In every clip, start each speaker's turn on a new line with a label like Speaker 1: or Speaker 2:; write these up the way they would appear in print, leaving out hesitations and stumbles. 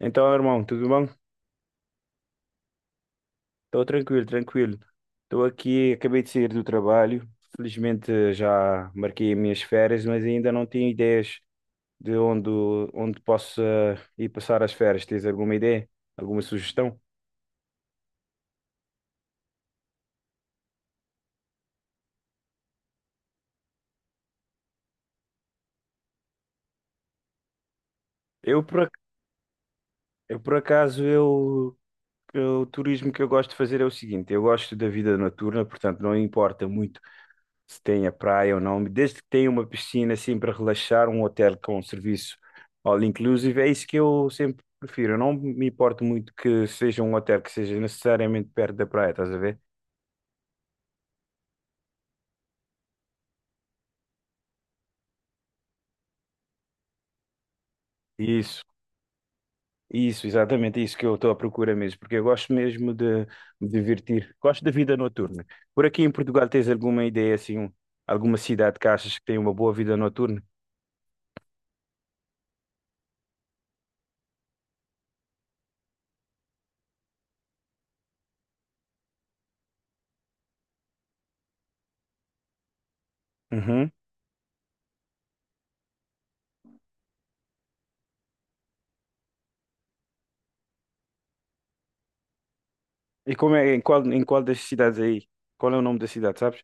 Speaker 1: Então, irmão, tudo bom? Estou tranquilo, tranquilo. Estou aqui, acabei de sair do trabalho. Felizmente já marquei as minhas férias, mas ainda não tenho ideias de onde, onde posso ir passar as férias. Tens alguma ideia? Alguma sugestão? Eu por, ac- eu, por acaso, eu que o turismo que eu gosto de fazer é o seguinte: eu gosto da vida noturna, portanto, não importa muito se tem a praia ou não, desde que tenha uma piscina assim para relaxar, um hotel com um serviço all inclusive, é isso que eu sempre prefiro. Eu não me importo muito que seja um hotel que seja necessariamente perto da praia, estás a ver? Isso, isso, exatamente isso que eu estou à procura mesmo, porque eu gosto mesmo de me divertir, gosto da vida noturna. Por aqui em Portugal tens alguma ideia assim, alguma cidade que achas que tem uma boa vida noturna? Uhum. E como é, em qual das cidades aí? Qual é o nome da cidade, sabes?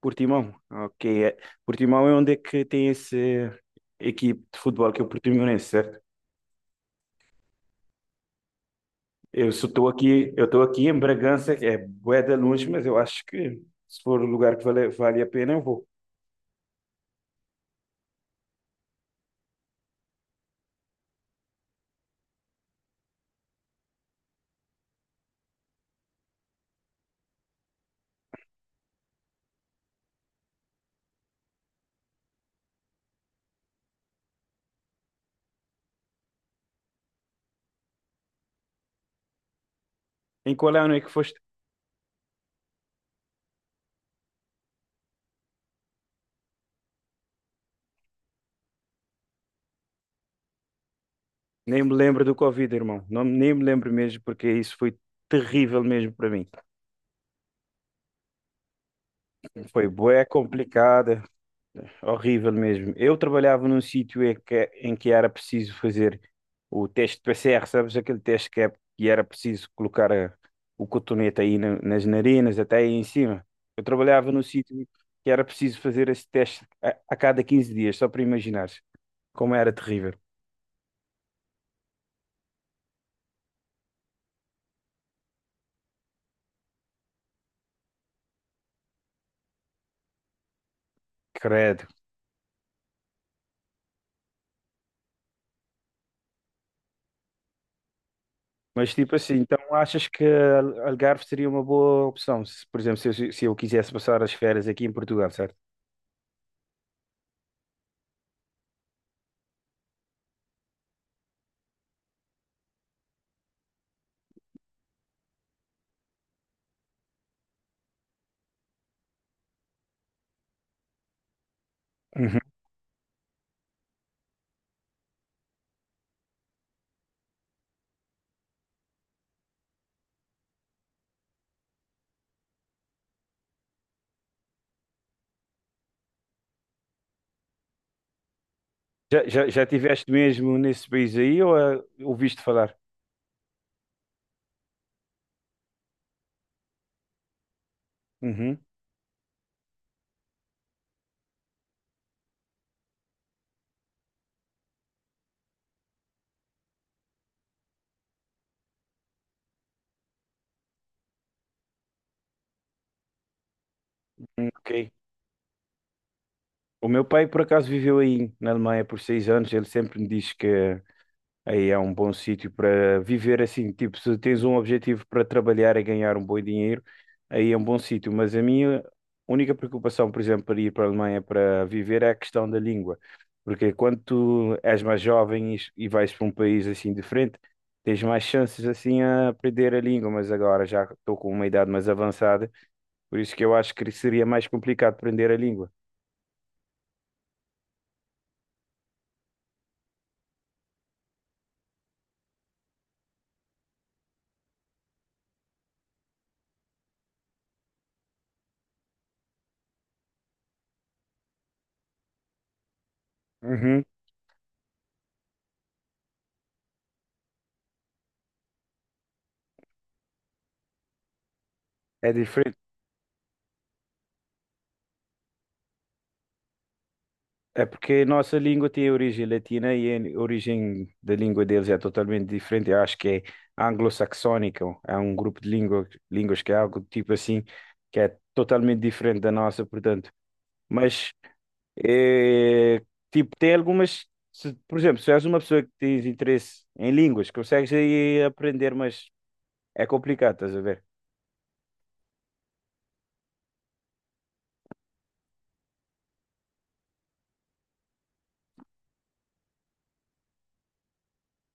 Speaker 1: Portimão. Ok. Portimão é onde é que tem essa equipe de futebol que é o Portimonense, certo? Eu só estou aqui, eu estou aqui em Bragança, que é bué de longe, mas eu acho que se for o lugar que vale a pena, eu vou. Em qual ano é que foste? Nem me lembro do Covid, irmão. Não, nem me lembro mesmo, porque isso foi terrível mesmo para mim. Foi bué complicado. Horrível mesmo. Eu trabalhava num sítio em que era preciso fazer o teste de PCR, sabes? Aquele teste que, é, que era preciso o cotonete nas narinas, até aí em cima. Eu trabalhava num sítio que era preciso fazer esse teste a cada 15 dias, só para imaginares como era terrível. Credo. Mas tipo assim, então achas que Algarve seria uma boa opção? Se, por exemplo, se eu quisesse passar as férias aqui em Portugal, certo? Já tiveste mesmo nesse país aí ou ah, ouviste falar? Uhum. Ok. O meu pai, por acaso, viveu aí na Alemanha por 6 anos. Ele sempre me diz que aí é um bom sítio para viver assim, tipo, se tens um objetivo para trabalhar e ganhar um bom dinheiro, aí é um bom sítio. Mas a minha única preocupação, por exemplo, para ir para a Alemanha para viver é a questão da língua. Porque quando tu és mais jovem e vais para um país assim diferente, tens mais chances assim a aprender a língua. Mas agora já estou com uma idade mais avançada, por isso que eu acho que seria mais complicado aprender a língua. Uhum. É diferente. É porque a nossa língua tem origem latina e a origem da língua deles é totalmente diferente. Eu acho que é anglo-saxónica, é um grupo de línguas que é algo tipo assim, que é totalmente diferente da nossa, portanto. Mas, eh, tipo, tem algumas. Por exemplo, se és uma pessoa que tens interesse em línguas, consegues aí aprender, mas é complicado, estás a ver?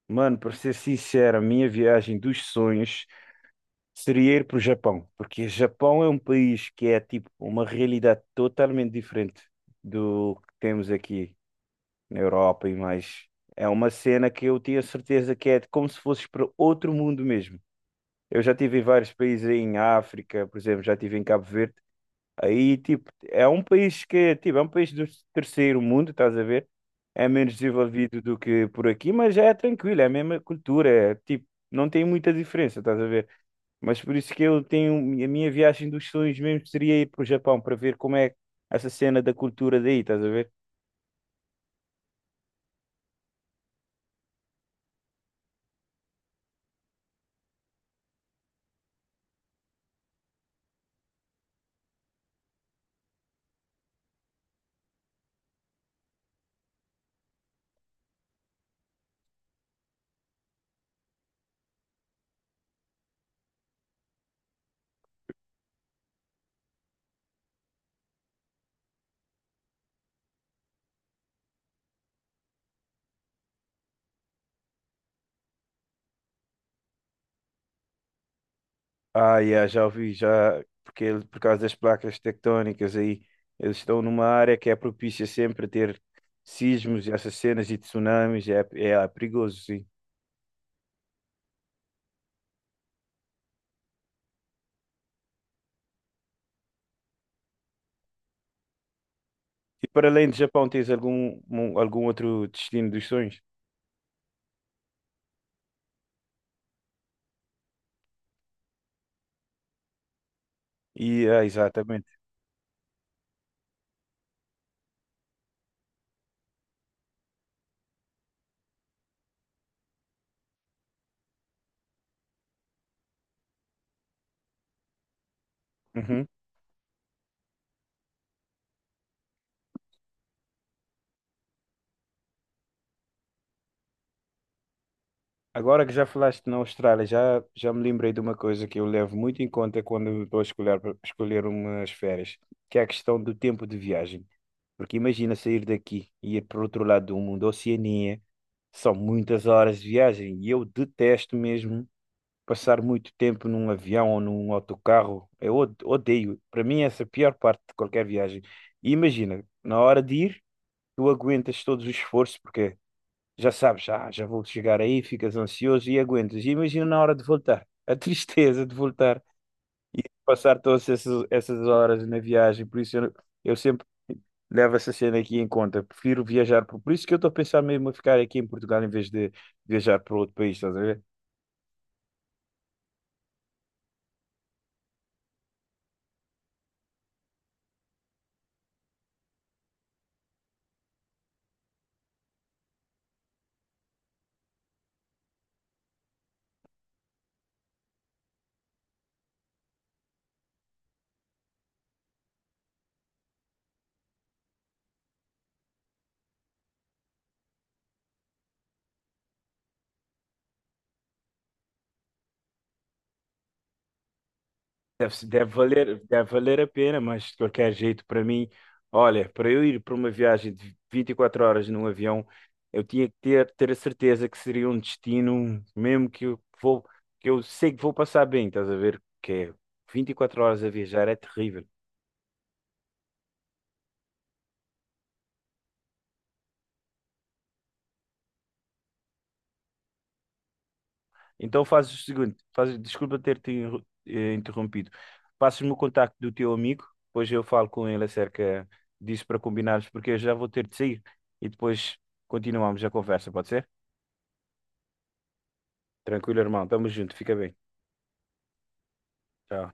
Speaker 1: Mano, para ser sincero, a minha viagem dos sonhos seria ir para o Japão, porque o Japão é um país que é tipo uma realidade totalmente diferente do que temos aqui na Europa e mais. É uma cena que eu tinha certeza que é como se fosses para outro mundo mesmo. Eu já tive em vários países aí em África, por exemplo, já tive em Cabo Verde. Aí tipo é um país que tipo é um país do terceiro mundo, estás a ver? É menos desenvolvido do que por aqui, mas é tranquilo, é a mesma cultura, é, tipo não tem muita diferença, estás a ver? Mas por isso que eu tenho a minha viagem dos sonhos mesmo seria ir para o Japão para ver como é essa cena da cultura daí, estás a ver? Ah, yeah, já ouvi, já, porque por causa das placas tectónicas aí, eles estão numa área que é propícia sempre a ter sismos e essas cenas e tsunamis, é perigoso, sim. E para além do Japão, tens algum outro destino dos sonhos? E, ah, exatamente. Agora que já falaste na Austrália, já me lembrei de uma coisa que eu levo muito em conta quando estou a escolher umas férias, que é a questão do tempo de viagem. Porque imagina sair daqui e ir para o outro lado do mundo, Oceania, são muitas horas de viagem e eu detesto mesmo passar muito tempo num avião ou num autocarro. Eu odeio. Para mim, essa é a pior parte de qualquer viagem. E imagina, na hora de ir, tu aguentas todos os esforços, porque já sabes, ah, já vou chegar aí, ficas ansioso e aguentas. E imagina na hora de voltar, a tristeza de voltar e passar todas essas horas na viagem. Por isso eu sempre levo essa cena aqui em conta. Prefiro viajar, por isso que eu estou a pensar mesmo a ficar aqui em Portugal em vez de viajar para outro país, estás a ver? Deve valer a pena, mas de qualquer jeito, para mim, olha, para eu ir para uma viagem de 24 horas num avião, eu tinha que ter a certeza que seria um destino, mesmo que eu vou, que eu sei que vou passar bem, estás a ver? Que é 24 horas a viajar é terrível. Então fazes o seguinte, fazes, desculpa ter-te interrompido. Passas-me o contacto do teu amigo, depois eu falo com ele acerca disso para combinarmos, porque eu já vou ter de sair e depois continuamos a conversa, pode ser? Tranquilo, irmão. Tamo junto. Fica bem. Tchau.